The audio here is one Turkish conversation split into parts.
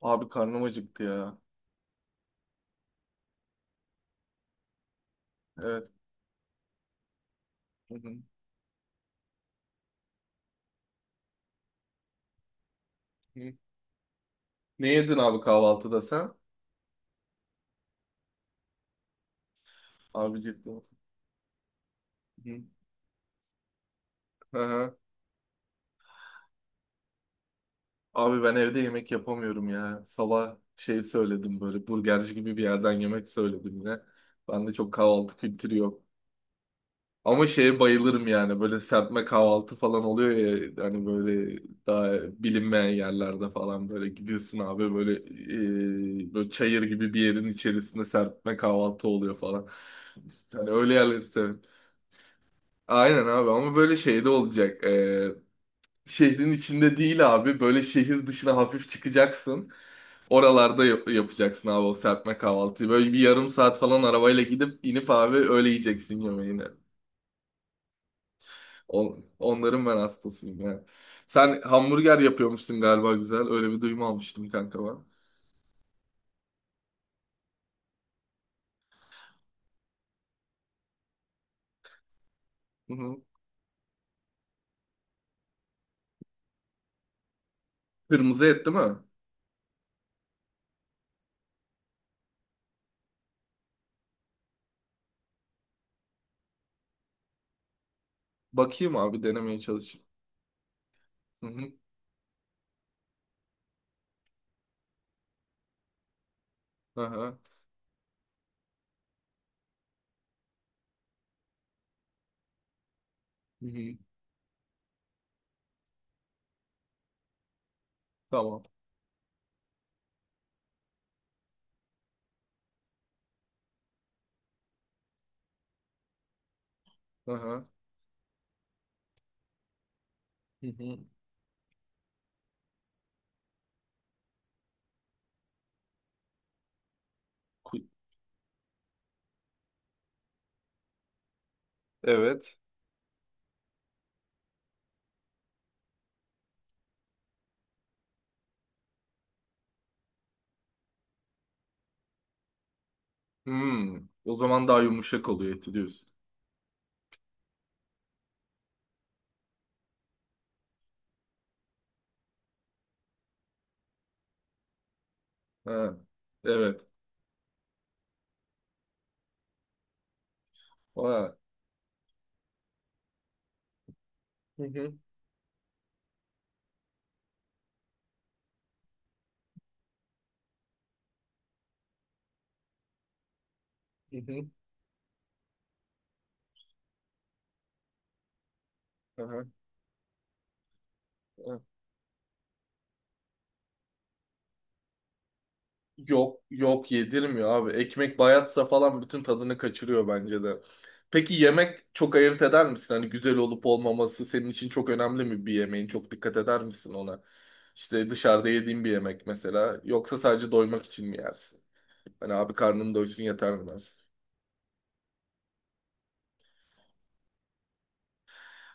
Abi karnım acıktı ya. Evet. Hı hı. Hı. Ne yedin abi kahvaltıda sen? Abi ciddi. Hı. Hı. Abi ben evde yemek yapamıyorum ya. Sabah şey söyledim böyle burgerci gibi bir yerden yemek söyledim yine. Bende çok kahvaltı kültürü yok. Ama şeye bayılırım yani böyle serpme kahvaltı falan oluyor ya hani böyle daha bilinmeyen yerlerde falan böyle gidiyorsun abi böyle böyle çayır gibi bir yerin içerisinde serpme kahvaltı oluyor falan. Yani öyle yerleri severim. Aynen abi ama böyle şeyde olacak. Şehrin içinde değil abi. Böyle şehir dışına hafif çıkacaksın. Oralarda yapacaksın abi o serpme kahvaltıyı. Böyle bir yarım saat falan arabayla gidip inip abi öyle yiyeceksin yemeğini. Onların ben hastasıyım ya. Sen hamburger yapıyormuşsun galiba güzel. Öyle bir duyum almıştım kanka ben. Hı hı. Kırmızı et değil mi? Bakayım abi denemeye çalışayım. Hı hı. Aha. Hı hı. Tamam. Aha. Hı hı. Ku- Evet. Hmm, o zaman daha yumuşak oluyor eti diyorsun. Ha, evet. Ha. Hı hı, hı hı, aha, aha. Yok yok yedirmiyor abi. Ekmek bayatsa falan bütün tadını kaçırıyor bence de. Peki yemek çok ayırt eder misin? Hani güzel olup olmaması senin için çok önemli mi bir yemeğin? Çok dikkat eder misin ona? İşte dışarıda yediğin bir yemek mesela. Yoksa sadece doymak için mi yersin? Hani abi karnım doysun yeter mi dersin?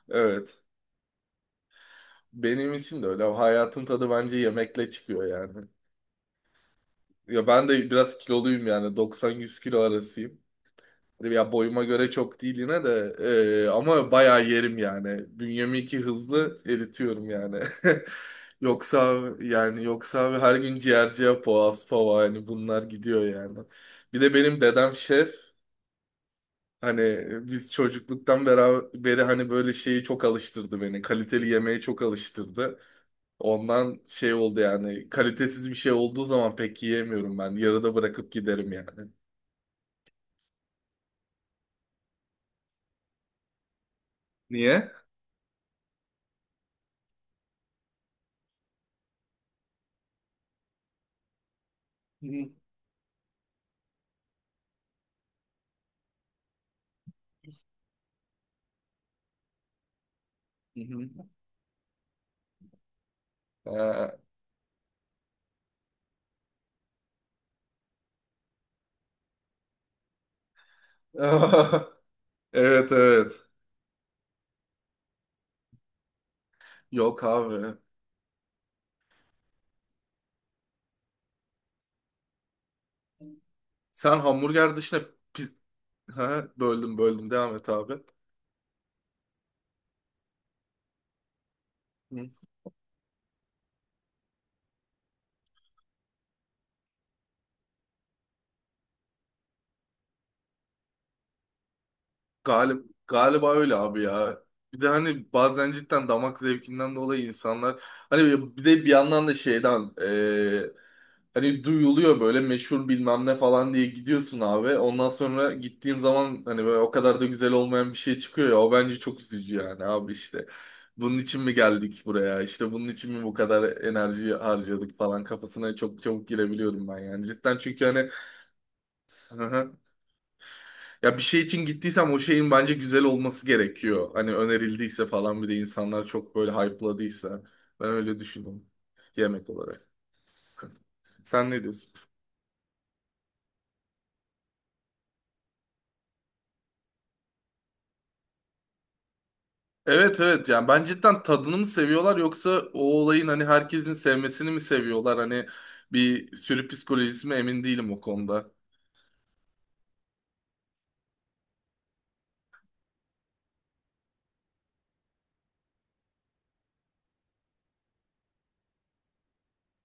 Evet. Benim için de öyle. Hayatın tadı bence yemekle çıkıyor yani. Ya ben de biraz kiloluyum yani 90-100 kilo arasıyım. Hani ya boyuma göre çok değil yine de ama bayağı yerim yani. Bünyemi iki hızlı eritiyorum yani. Yoksa yani yoksa her gün ciğerciye boğaz pava yani bunlar gidiyor yani. Bir de benim dedem şef, hani biz çocukluktan beraber beri hani böyle şeyi çok alıştırdı beni. Kaliteli yemeğe çok alıştırdı. Ondan şey oldu yani kalitesiz bir şey olduğu zaman pek yiyemiyorum ben. Yarıda bırakıp giderim yani. Niye? Hı hı, hı hı. Ha. Evet evet. Yok abi. Sen hamburger dışında pi- ha, böldüm devam et abi. Hı. Galiba öyle abi ya. Bir de hani bazen cidden damak zevkinden dolayı insanlar hani bir de bir yandan da şeyden hani duyuluyor böyle meşhur bilmem ne falan diye gidiyorsun abi. Ondan sonra gittiğin zaman hani böyle o kadar da güzel olmayan bir şey çıkıyor ya. O bence çok üzücü yani abi işte. Bunun için mi geldik buraya? İşte bunun için mi bu kadar enerji harcadık falan kafasına çok çabuk girebiliyorum ben yani. Cidden çünkü hani ya bir şey için gittiysem o şeyin bence güzel olması gerekiyor. Hani önerildiyse falan bir de insanlar çok böyle hype'ladıysa. Ben öyle düşünüyorum. Yemek olarak. Sen ne diyorsun? Evet evet yani ben cidden tadını mı seviyorlar yoksa o olayın hani herkesin sevmesini mi seviyorlar? Hani bir sürü psikolojisi mi emin değilim o konuda.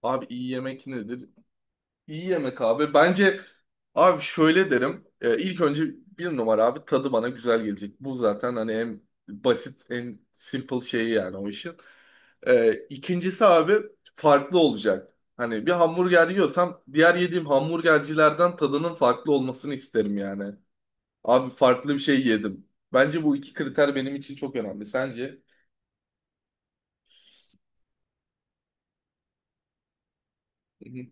Abi iyi yemek nedir? İyi yemek abi. Bence abi şöyle derim. İlk önce bir numara abi tadı bana güzel gelecek. Bu zaten hani en basit en simple şeyi yani o işin. İkincisi abi farklı olacak. Hani bir hamburger yiyorsam diğer yediğim hamburgercilerden tadının farklı olmasını isterim yani. Abi farklı bir şey yedim. Bence bu iki kriter benim için çok önemli. Sence? Hı hı.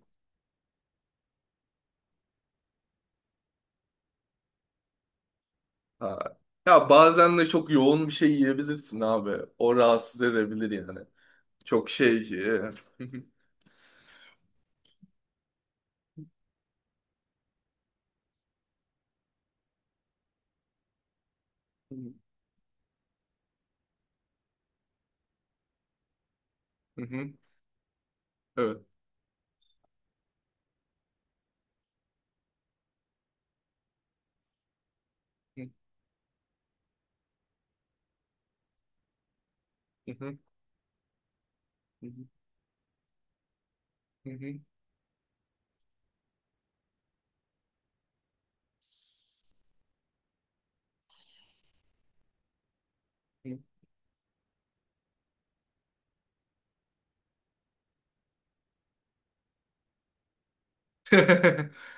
Ha. Ya bazen de çok yoğun bir şey yiyebilirsin abi. O rahatsız edebilir yani. Çok şey. e, hı hı, hı hı. Evet. Hı hı, hı hı, hı hı, hı.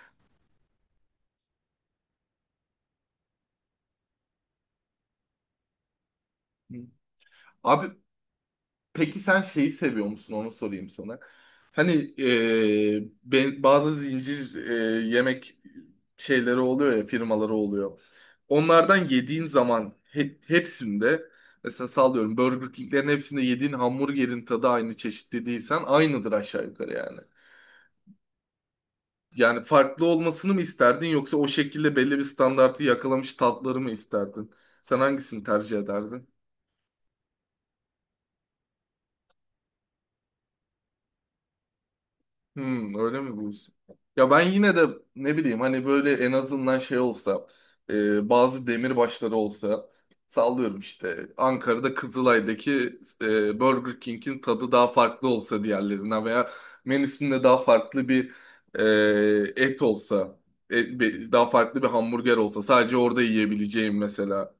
Abi peki sen şeyi seviyor musun? Onu sorayım sana. Hani ben, bazı zincir yemek şeyleri oluyor ya firmaları oluyor. Onlardan yediğin zaman hepsinde mesela sallıyorum Burger King'lerin hepsinde yediğin hamburgerin tadı aynı çeşitli değilsen aynıdır aşağı yukarı yani. Yani farklı olmasını mı isterdin yoksa o şekilde belli bir standartı yakalamış tatları mı isterdin? Sen hangisini tercih ederdin? Hmm, öyle mi bu iş? Ya ben yine de ne bileyim hani böyle en azından şey olsa bazı demirbaşları olsa sallıyorum işte Ankara'da Kızılay'daki Burger King'in tadı daha farklı olsa diğerlerinden veya menüsünde daha farklı bir et olsa daha farklı bir hamburger olsa sadece orada yiyebileceğim mesela.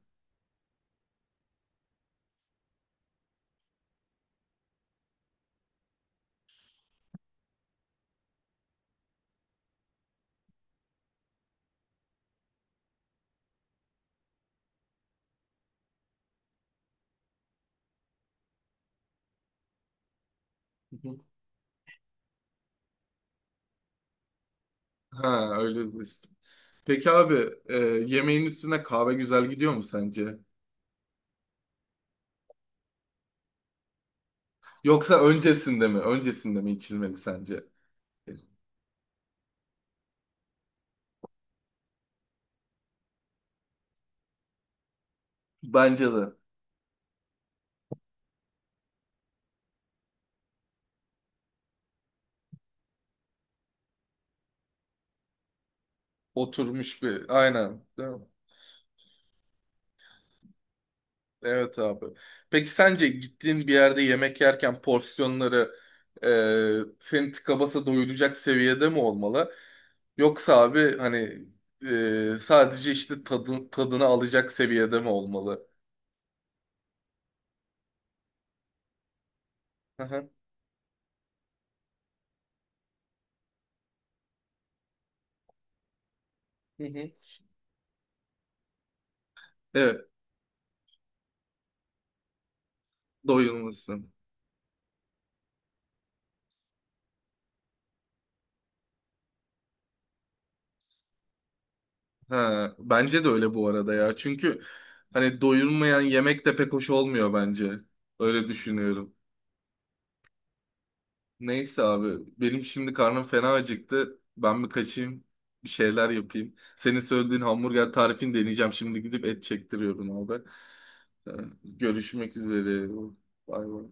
Ha öyle diyorsun. Peki abi yemeğin üstüne kahve güzel gidiyor mu sence? Yoksa öncesinde mi? Öncesinde mi içilmeli sence? Bence de. Oturmuş bir. Aynen. Değil mi? Evet abi. Peki sence gittiğin bir yerde yemek yerken porsiyonları seni tıka basa doyuracak seviyede mi olmalı? Yoksa abi hani sadece işte tadını alacak seviyede mi olmalı? Hı hı. Hı hı. Evet, doyulmasın. Ha, bence de öyle bu arada ya. Çünkü hani doyulmayan yemek de pek hoş olmuyor bence. Öyle düşünüyorum. Neyse abi benim şimdi karnım fena acıktı. Ben bir kaçayım bir şeyler yapayım. Senin söylediğin hamburger tarifini deneyeceğim. Şimdi gidip et çektiriyorum abi. Ee, Görüşmek üzere. Bay bay.